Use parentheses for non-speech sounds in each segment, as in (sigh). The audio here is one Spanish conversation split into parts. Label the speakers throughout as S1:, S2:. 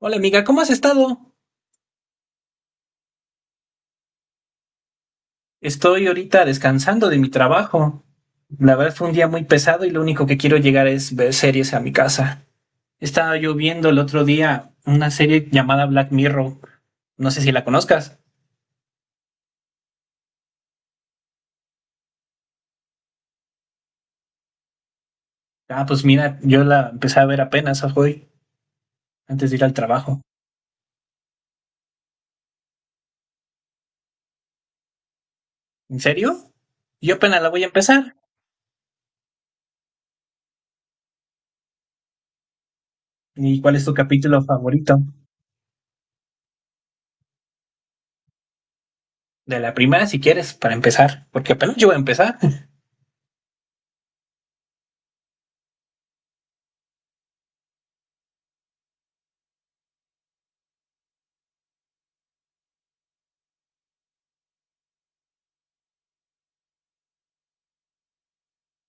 S1: Hola amiga, ¿cómo has estado? Estoy ahorita descansando de mi trabajo. La verdad fue un día muy pesado y lo único que quiero llegar es ver series a mi casa. Estaba yo viendo el otro día una serie llamada Black Mirror. No sé si la conozcas. Ah, pues mira, yo la empecé a ver apenas hoy, antes de ir al trabajo. ¿En serio? Yo apenas la voy a empezar. ¿Y cuál es tu capítulo favorito? De la primera, si quieres, para empezar, porque apenas yo voy a empezar. (laughs)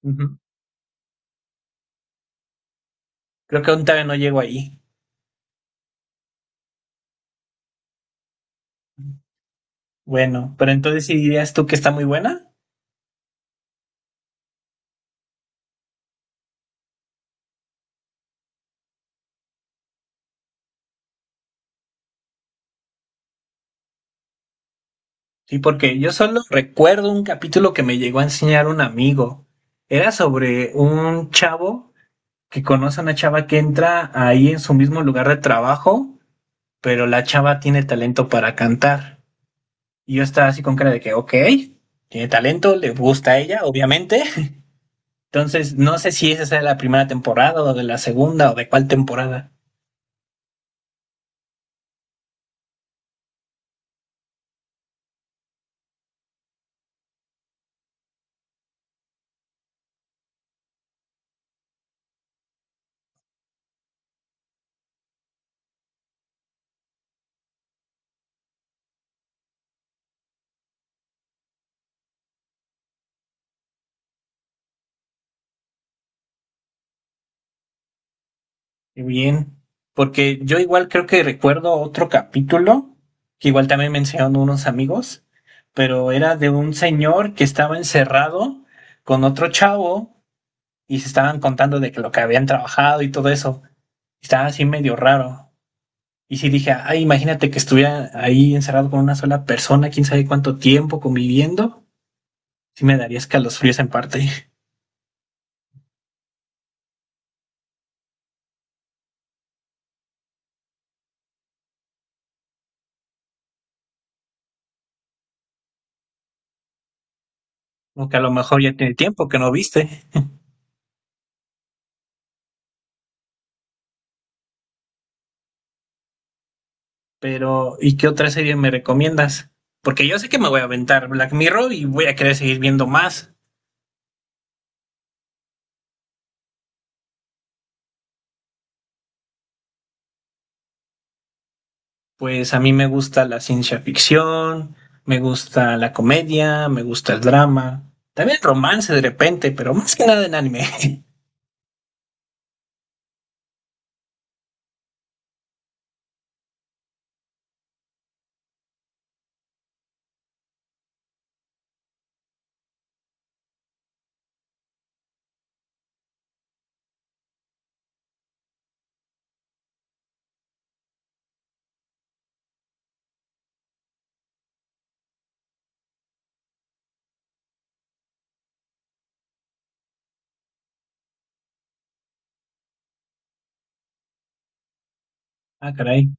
S1: Ujú. Creo que aún todavía no llego ahí. Bueno, pero entonces ¿si dirías tú que está muy buena? Sí, porque yo solo recuerdo un capítulo que me llegó a enseñar un amigo. Era sobre un chavo que conoce a una chava que entra ahí en su mismo lugar de trabajo, pero la chava tiene talento para cantar. Y yo estaba así con cara de que, ok, tiene talento, le gusta a ella, obviamente. (laughs) Entonces, no sé si esa sea la primera temporada o de la segunda o de cuál temporada. Qué bien. Porque yo igual creo que recuerdo otro capítulo, que igual también mencionaron unos amigos, pero era de un señor que estaba encerrado con otro chavo y se estaban contando de que lo que habían trabajado y todo eso. Estaba así medio raro. Y sí dije, ay, imagínate que estuviera ahí encerrado con una sola persona, quién sabe cuánto tiempo conviviendo. Sí me daría escalofríos en parte. (laughs) O que a lo mejor ya tiene tiempo que no viste. Pero, ¿y qué otra serie me recomiendas? Porque yo sé que me voy a aventar Black Mirror y voy a querer seguir viendo más. Pues a mí me gusta la ciencia ficción, me gusta la comedia, me gusta el drama, también el romance de repente, pero más que nada en anime. (laughs) Ah, caray,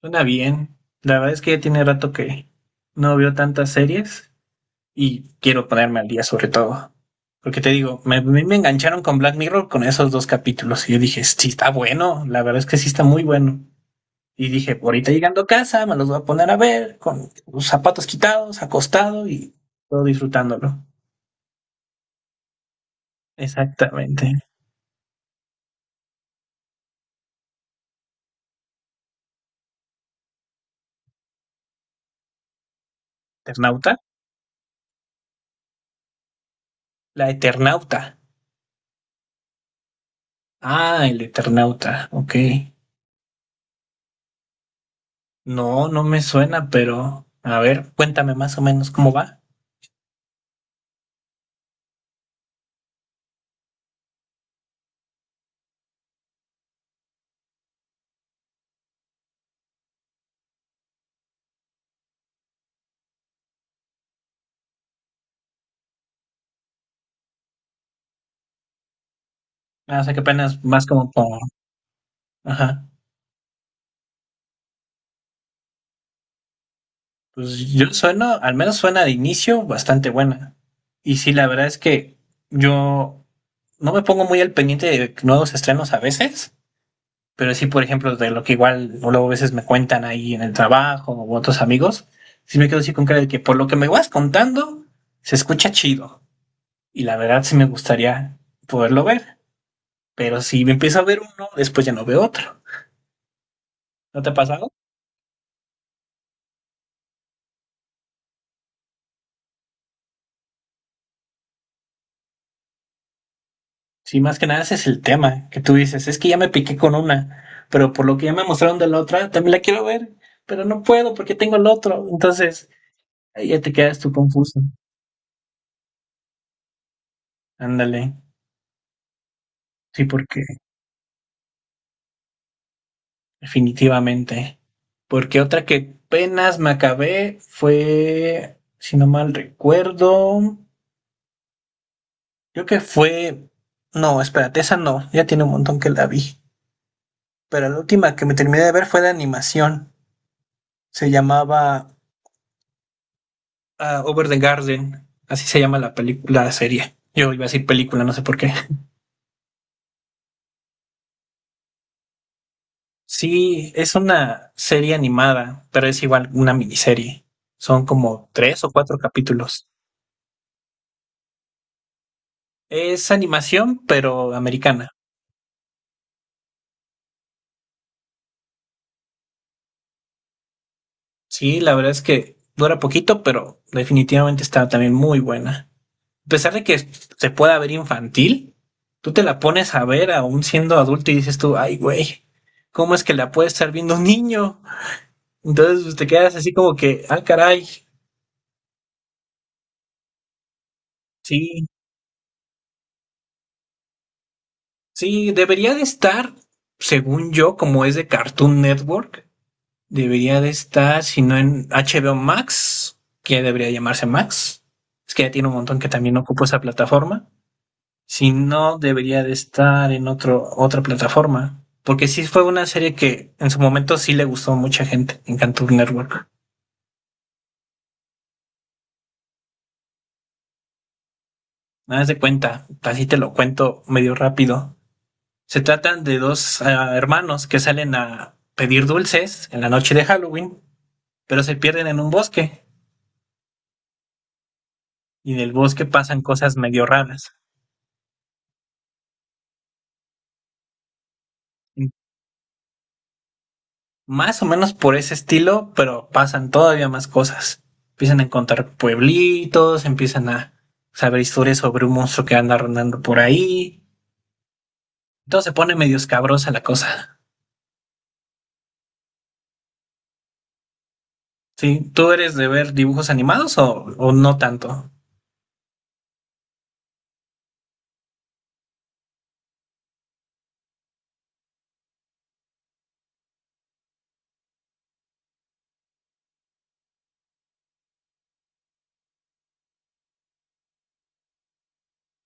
S1: suena bien. La verdad es que ya tiene rato que no veo tantas series y quiero ponerme al día sobre todo. Porque te digo, a mí me engancharon con Black Mirror con esos dos capítulos y yo dije, sí, está bueno, la verdad es que sí está muy bueno. Y dije, ahorita llegando a casa, me los voy a poner a ver, con los zapatos quitados, acostado y todo disfrutándolo. Exactamente. ¿Eternauta? La Eternauta. Ah, el Eternauta, ok. No, no me suena, pero a ver, cuéntame más o menos cómo va. Ah, o sea que apenas más como por... Ajá. Pues yo sueno al menos suena de inicio bastante buena. Y sí, la verdad es que yo no me pongo muy al pendiente de nuevos estrenos a veces. Pero sí, por ejemplo, de lo que igual luego a veces me cuentan ahí en el trabajo o otros amigos, sí me quedo así con cara de que por lo que me vas contando, se escucha chido. Y la verdad sí me gustaría poderlo ver, pero si me empiezo a ver uno, después ya no veo otro. ¿No te ha pasado? Sí, más que nada ese es el tema, que tú dices, es que ya me piqué con una, pero por lo que ya me mostraron de la otra, también la quiero ver, pero no puedo porque tengo el otro. Entonces, ahí ya te quedas tú confuso. Ándale. Sí, porque definitivamente. Porque otra que apenas me acabé fue, si no mal recuerdo, creo que fue... No, espérate, esa no, ya tiene un montón que la vi. Pero la última que me terminé de ver fue de animación. Se llamaba Over the Garden. Así se llama la película, la serie. Yo iba a decir película, no sé por qué. (laughs) Sí, es una serie animada, pero es igual una miniserie. Son como tres o cuatro capítulos. Es animación, pero americana. Sí, la verdad es que dura poquito, pero definitivamente está también muy buena. A pesar de que se pueda ver infantil, tú te la pones a ver aún siendo adulto y dices tú, ay, güey, ¿cómo es que la puede estar viendo un niño? Entonces pues, te quedas así como que, ah, caray, sí, sí, debería de estar, según yo, como es de Cartoon Network, debería de estar, si no en HBO Max, que debería llamarse Max. Es que ya tiene un montón que también ocupa esa plataforma. Si no, debería de estar en otra plataforma. Porque sí fue una serie que en su momento sí le gustó a mucha gente en Cartoon Network. Nada más de cuenta, así te lo cuento medio rápido. Se tratan de dos hermanos que salen a pedir dulces en la noche de Halloween, pero se pierden en un bosque y en el bosque pasan cosas medio raras. Más o menos por ese estilo, pero pasan todavía más cosas. Empiezan a encontrar pueblitos, empiezan a saber historias sobre un monstruo que anda rondando por ahí. Entonces se pone medio escabrosa la cosa. ¿Sí? ¿Tú eres de ver dibujos animados o no tanto?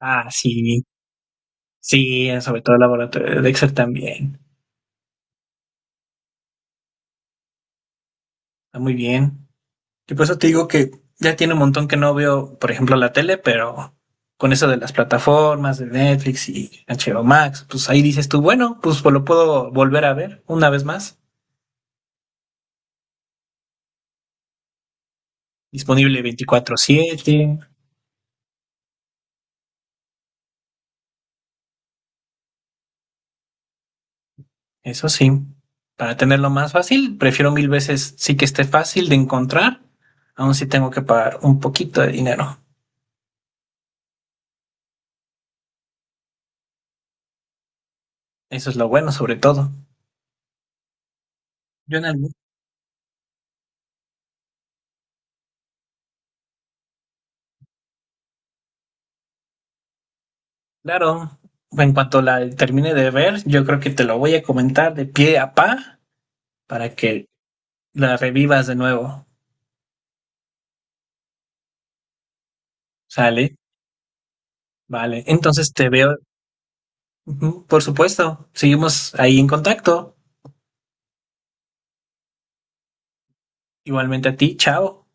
S1: Ah, sí, sí, sobre todo el laboratorio de Dexter también. Está muy bien. Y por eso te digo que ya tiene un montón que no veo, por ejemplo, la tele, pero con eso de las plataformas, de Netflix y HBO Max, pues ahí dices tú, bueno, pues lo puedo volver a ver una vez más. Disponible 24/7, eso sí. Para tenerlo más fácil, prefiero mil veces sí que esté fácil de encontrar, aun si tengo que pagar un poquito de dinero. Eso es lo bueno, sobre todo. Yo en algún, claro, en cuanto la termine de ver, yo creo que te lo voy a comentar de pie a pa para que la revivas de nuevo. Sale, vale. Entonces te veo. Ujú, por supuesto, seguimos ahí en contacto. Igualmente a ti, chao.